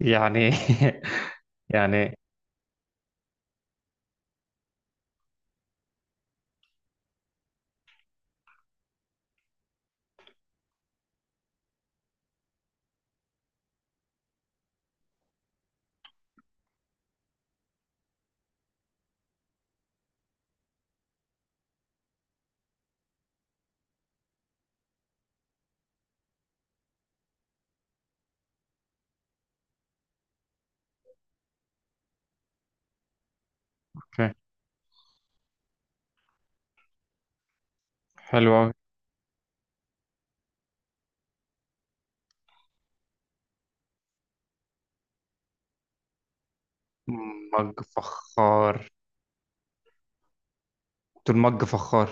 يعني. يعني، اوكي. حلو أوي. مج فخار. دول مج فخار.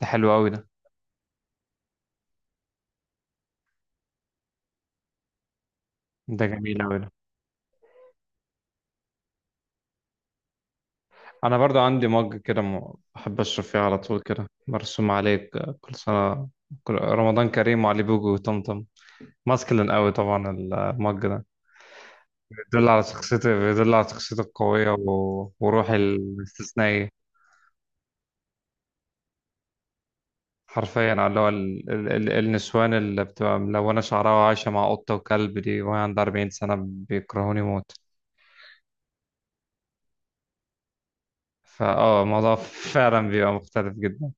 ده حلو أوي ده. ده جميل أوي ده. أنا برضو عندي مج كده، بحب أشرب فيه على طول، كده مرسوم عليه كل سنة، كل رمضان كريم وعلي بوجو وطمطم. ماسكلين أوي طبعا المج ده، بيدل على شخصيتي القوية و... وروحي الاستثنائية. حرفيا، على اللي هو النسوان اللي بتبقى ملونة شعرها وعايشة مع قطة وكلب دي، وهي عندها 40 سنة، بيكرهوني موت. فاه الموضوع فعلا بيبقى مختلف جدا.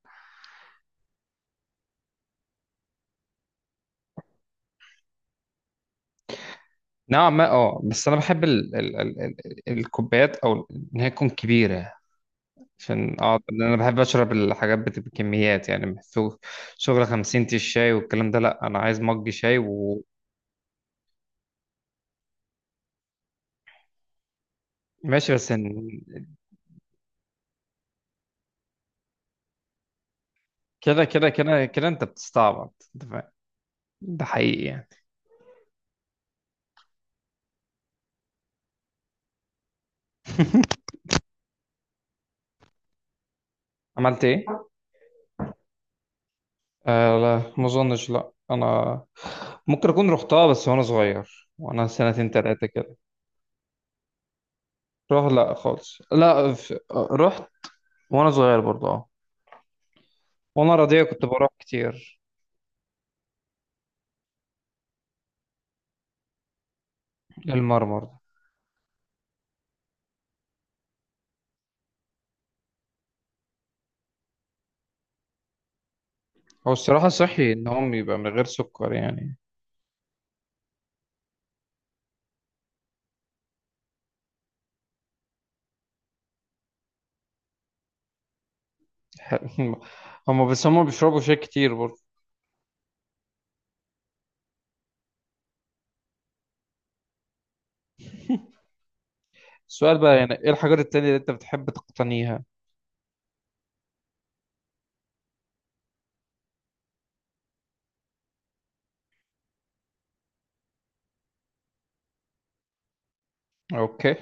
نوعا ما، اه. بس انا بحب ال ال ال ال الكوبايات او ان هي تكون كبيرة. عشان اقعد، لأن انا بحب اشرب الحاجات بتبقى كميات يعني، مش شغل شغل 50 تي الشاي والكلام ده، لا انا عايز مج شاي وماشي. بس كده كده كده كده انت بتستعبط، انت فاهم. ده حقيقي يعني. عملت ايه؟ آه لا، ما اظنش، لا انا ممكن اكون رحتها بس وانا صغير، وانا سنتين تلاتة كده. روح لا خالص، لا، في... آه، رحت وانا صغير برضه، اه. وانا رضيع كنت بروح كتير. المرمر ده. هو الصراحة صحي ان هم يبقى من غير سكر يعني. هم، بس هم بيشربوا شاي كتير برضه. السؤال بقى، يعني ايه الحاجات التانية اللي انت بتحب تقتنيها؟ اوكي.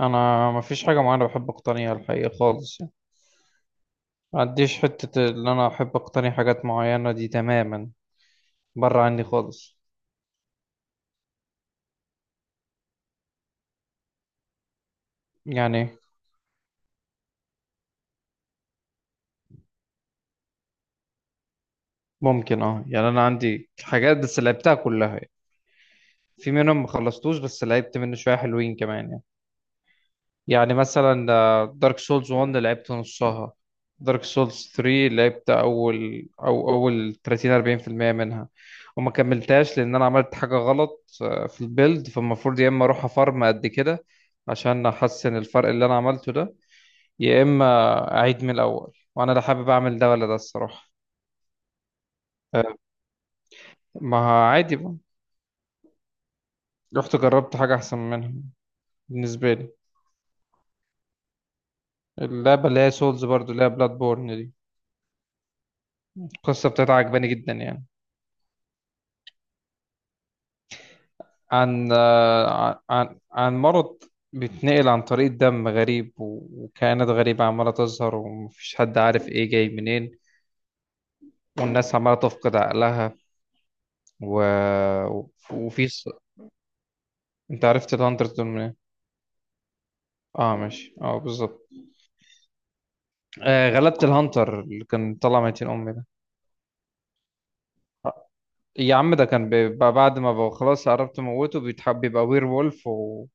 انا ما فيش حاجة معينة بحب اقتنيها الحقيقة خالص يعني، ما عنديش حتة ان انا احب اقتني حاجات معينة دي تماما، بره عني خالص يعني. ممكن اه، يعني انا عندي حاجات بس لعبتها كلها يعني. في منهم ما خلصتوش، بس لعبت منه شويه حلوين كمان يعني. يعني مثلا، دارك سولز 1، لعبت نصها. دارك سولز 3، لعبت اول او اول 30، 40% منها. وما كملتهاش لان انا عملت حاجه غلط في البيلد، فالمفروض يا اما اروح افارم قد كده عشان احسن الفرق اللي انا عملته ده، يا اما اعيد من الاول، وانا لا حابب اعمل ده ولا ده الصراحه. آه. ما عادي بقى. رحت جربت حاجة أحسن منها بالنسبة لي. اللعبة اللي هي سولز برضو، اللي هي بلاد بورن دي، القصة بتاعتها عجباني جدا يعني. عن مرض بيتنقل عن طريق دم غريب و- وكائنات غريبة عمالة تظهر، ومفيش حد عارف إيه جاي منين. والناس عمالة تفقد عقلها و... وفي ص... أنت عرفت الهانتر دول منين؟ اه ماشي، اه بالظبط. غلبت الهانتر اللي كان طلع ميتين أمي ده. يا عم، ده كان بيبقى بعد ما بقى خلاص، قربت اموته بيتحب بيبقى وير وولف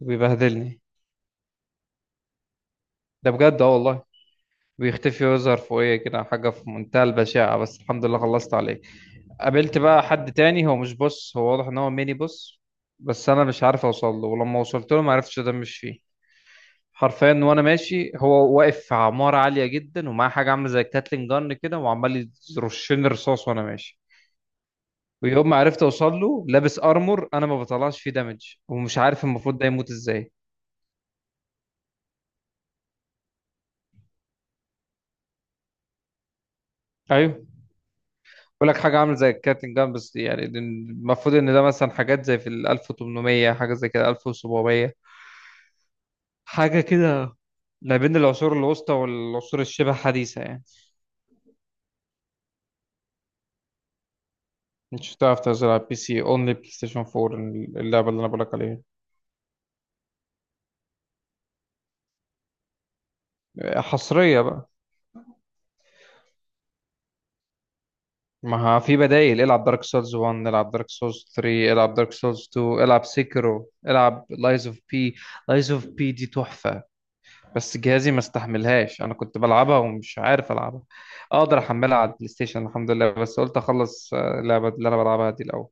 وبيبهدلني. ده بجد، اه والله. بيختفي ويظهر فوقيه كده حاجه في منتهى البشاعه، بس الحمد لله خلصت عليه. قابلت بقى حد تاني، هو مش بص، هو واضح ان هو ميني بص. بس انا مش عارف اوصل له، ولما وصلت له ما عرفتش، مش فيه. حرفيا وانا ماشي، هو واقف في عماره عاليه جدا، ومعاه حاجه عامله زي الكاتلين جن كده وعمال يرشني رصاص وانا ماشي. ويوم ما عرفت اوصل له، لابس ارمور، انا ما بطلعش فيه دامج، ومش عارف المفروض ده يموت ازاي. ايوه، بقول لك حاجه عامله زي الكابتن جان، بس يعني المفروض ان ده مثلا حاجات زي في ال 1800، حاجه زي كده 1700، حاجه كده. ما بين العصور الوسطى والعصور الشبه حديثة يعني. مش هتعرف تنزل على البي سي، اونلي بلاي ستيشن 4. اللعبه اللي انا بقولك عليها حصرية بقى. ما في بدايل، العب دارك سولز 1، العب دارك سولز 3، العب دارك سولز 2، العب سيكرو، العب لايز اوف بي. لايز اوف بي دي تحفة. بس جهازي ما استحملهاش، انا كنت بلعبها ومش عارف العبها. اقدر احملها على البلاي ستيشن الحمد لله، بس قلت اخلص اللعبة اللي انا بلعبها دي الاول.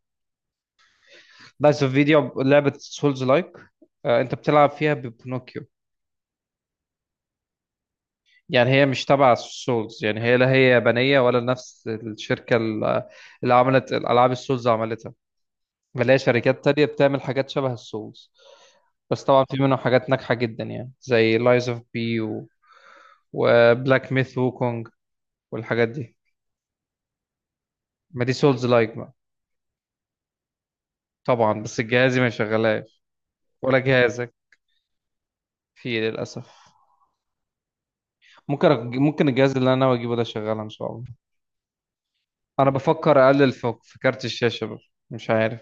لايز اوف فيديو لعبة سولز لايك، انت بتلعب فيها ببنوكيو. يعني هي مش تبع سولز، يعني هي لا هي يابانية، ولا نفس الشركة اللي عملت الالعاب السولز عملتها. بلاقي شركات تانية بتعمل حاجات شبه السولز. بس طبعا في منهم حاجات ناجحة جدا يعني زي لايز اوف بي وبلاك ميث ووكونج، والحاجات دي. ما دي سولز لايك بقى. طبعا، بس جهازي ما يشغلهاش ولا جهازك، فيه للأسف. ممكن الجهاز اللي انا ناوي اجيبه ده شغال ان شاء الله. انا بفكر اقلل في كارت الشاشة بقى. مش عارف.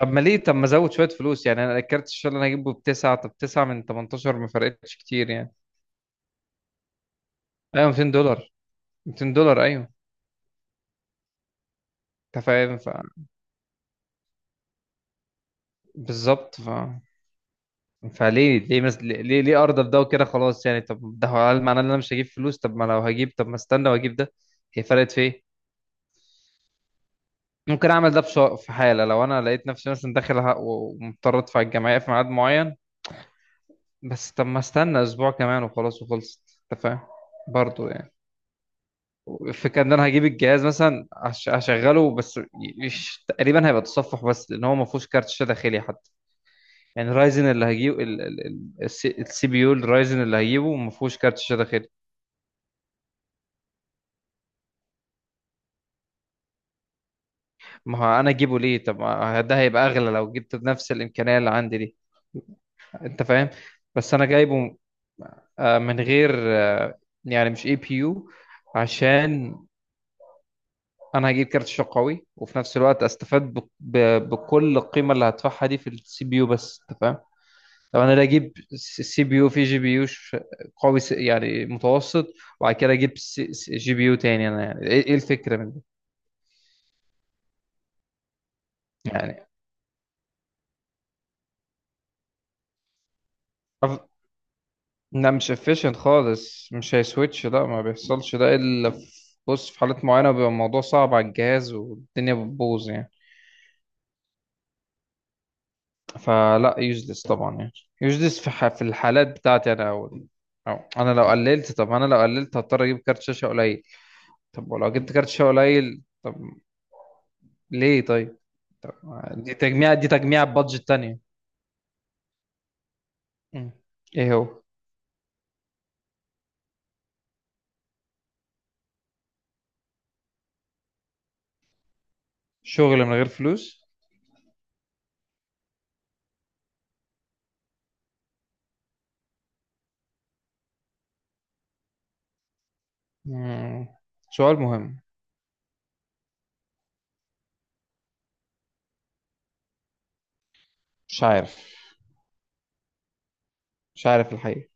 طب ما ليه، طب ما ازود شوية فلوس يعني، انا الكارت الشاشة اللي انا هجيبه بتسعة، طب تسعة من 18 ما فرقتش كتير يعني. ايوه، 200 دولار. 200 دولار ايوه. انت فاهم. بالظبط، فليه ليه مس... ليه ليه ارضى بده وكده خلاص يعني. طب ده هو، هل معناه ان انا مش هجيب فلوس؟ طب ما لو هجيب، طب ما استنى واجيب ده. هي فرقت في ايه؟ ممكن اعمل ده في حاله لو انا لقيت نفسي مثلا داخل ومضطر ادفع الجمعيه في ميعاد معين. بس طب ما استنى اسبوع كمان وخلاص، وخلصت، انت فاهم. برضه يعني. الفكره ان انا هجيب الجهاز مثلا، هشغله بس تقريبا هيبقى تصفح بس، لان هو ما فيهوش كارت شاشه داخلي حتى. يعني رايزن اللي هجيبه، السي بي يو الرايزن اللي هجيبه ما فيهوش كارت شاشه داخلي. ما هو انا اجيبه ليه؟ طب ما ده هيبقى اغلى لو جبت بنفس الامكانيه اللي عندي دي، انت فاهم. بس انا جايبه من غير يعني مش اي بي يو. عشان انا هجيب كارت شاشه قوي، وفي نفس الوقت استفاد بكل القيمه اللي هدفعها دي في السي بي يو، بس انت فاهم. طب انا لا اجيب سي بي يو في جي بي يو قوي يعني متوسط. وبعد كده اجيب جي بي يو تاني، انا يعني، ايه الفكره من يعني. أف... لا مش efficient خالص، مش هيسويتش، لا ما بيحصلش ده الا في، بص، في حالات معينة بيبقى الموضوع صعب على الجهاز والدنيا بتبوظ يعني. فلا يوزلس طبعا يعني. يوزلس في الحالات بتاعتي انا اول. أو انا لو قللت، طب انا لو قللت هضطر اجيب كارت شاشة قليل. طب ولو جبت كارت شاشة قليل طب ليه طيب. طب، دي تجميع بادجت تانية. مم. ايه هو؟ شغل من غير فلوس. مم. سؤال مهم. مش عارف. مش عارف الحقيقة.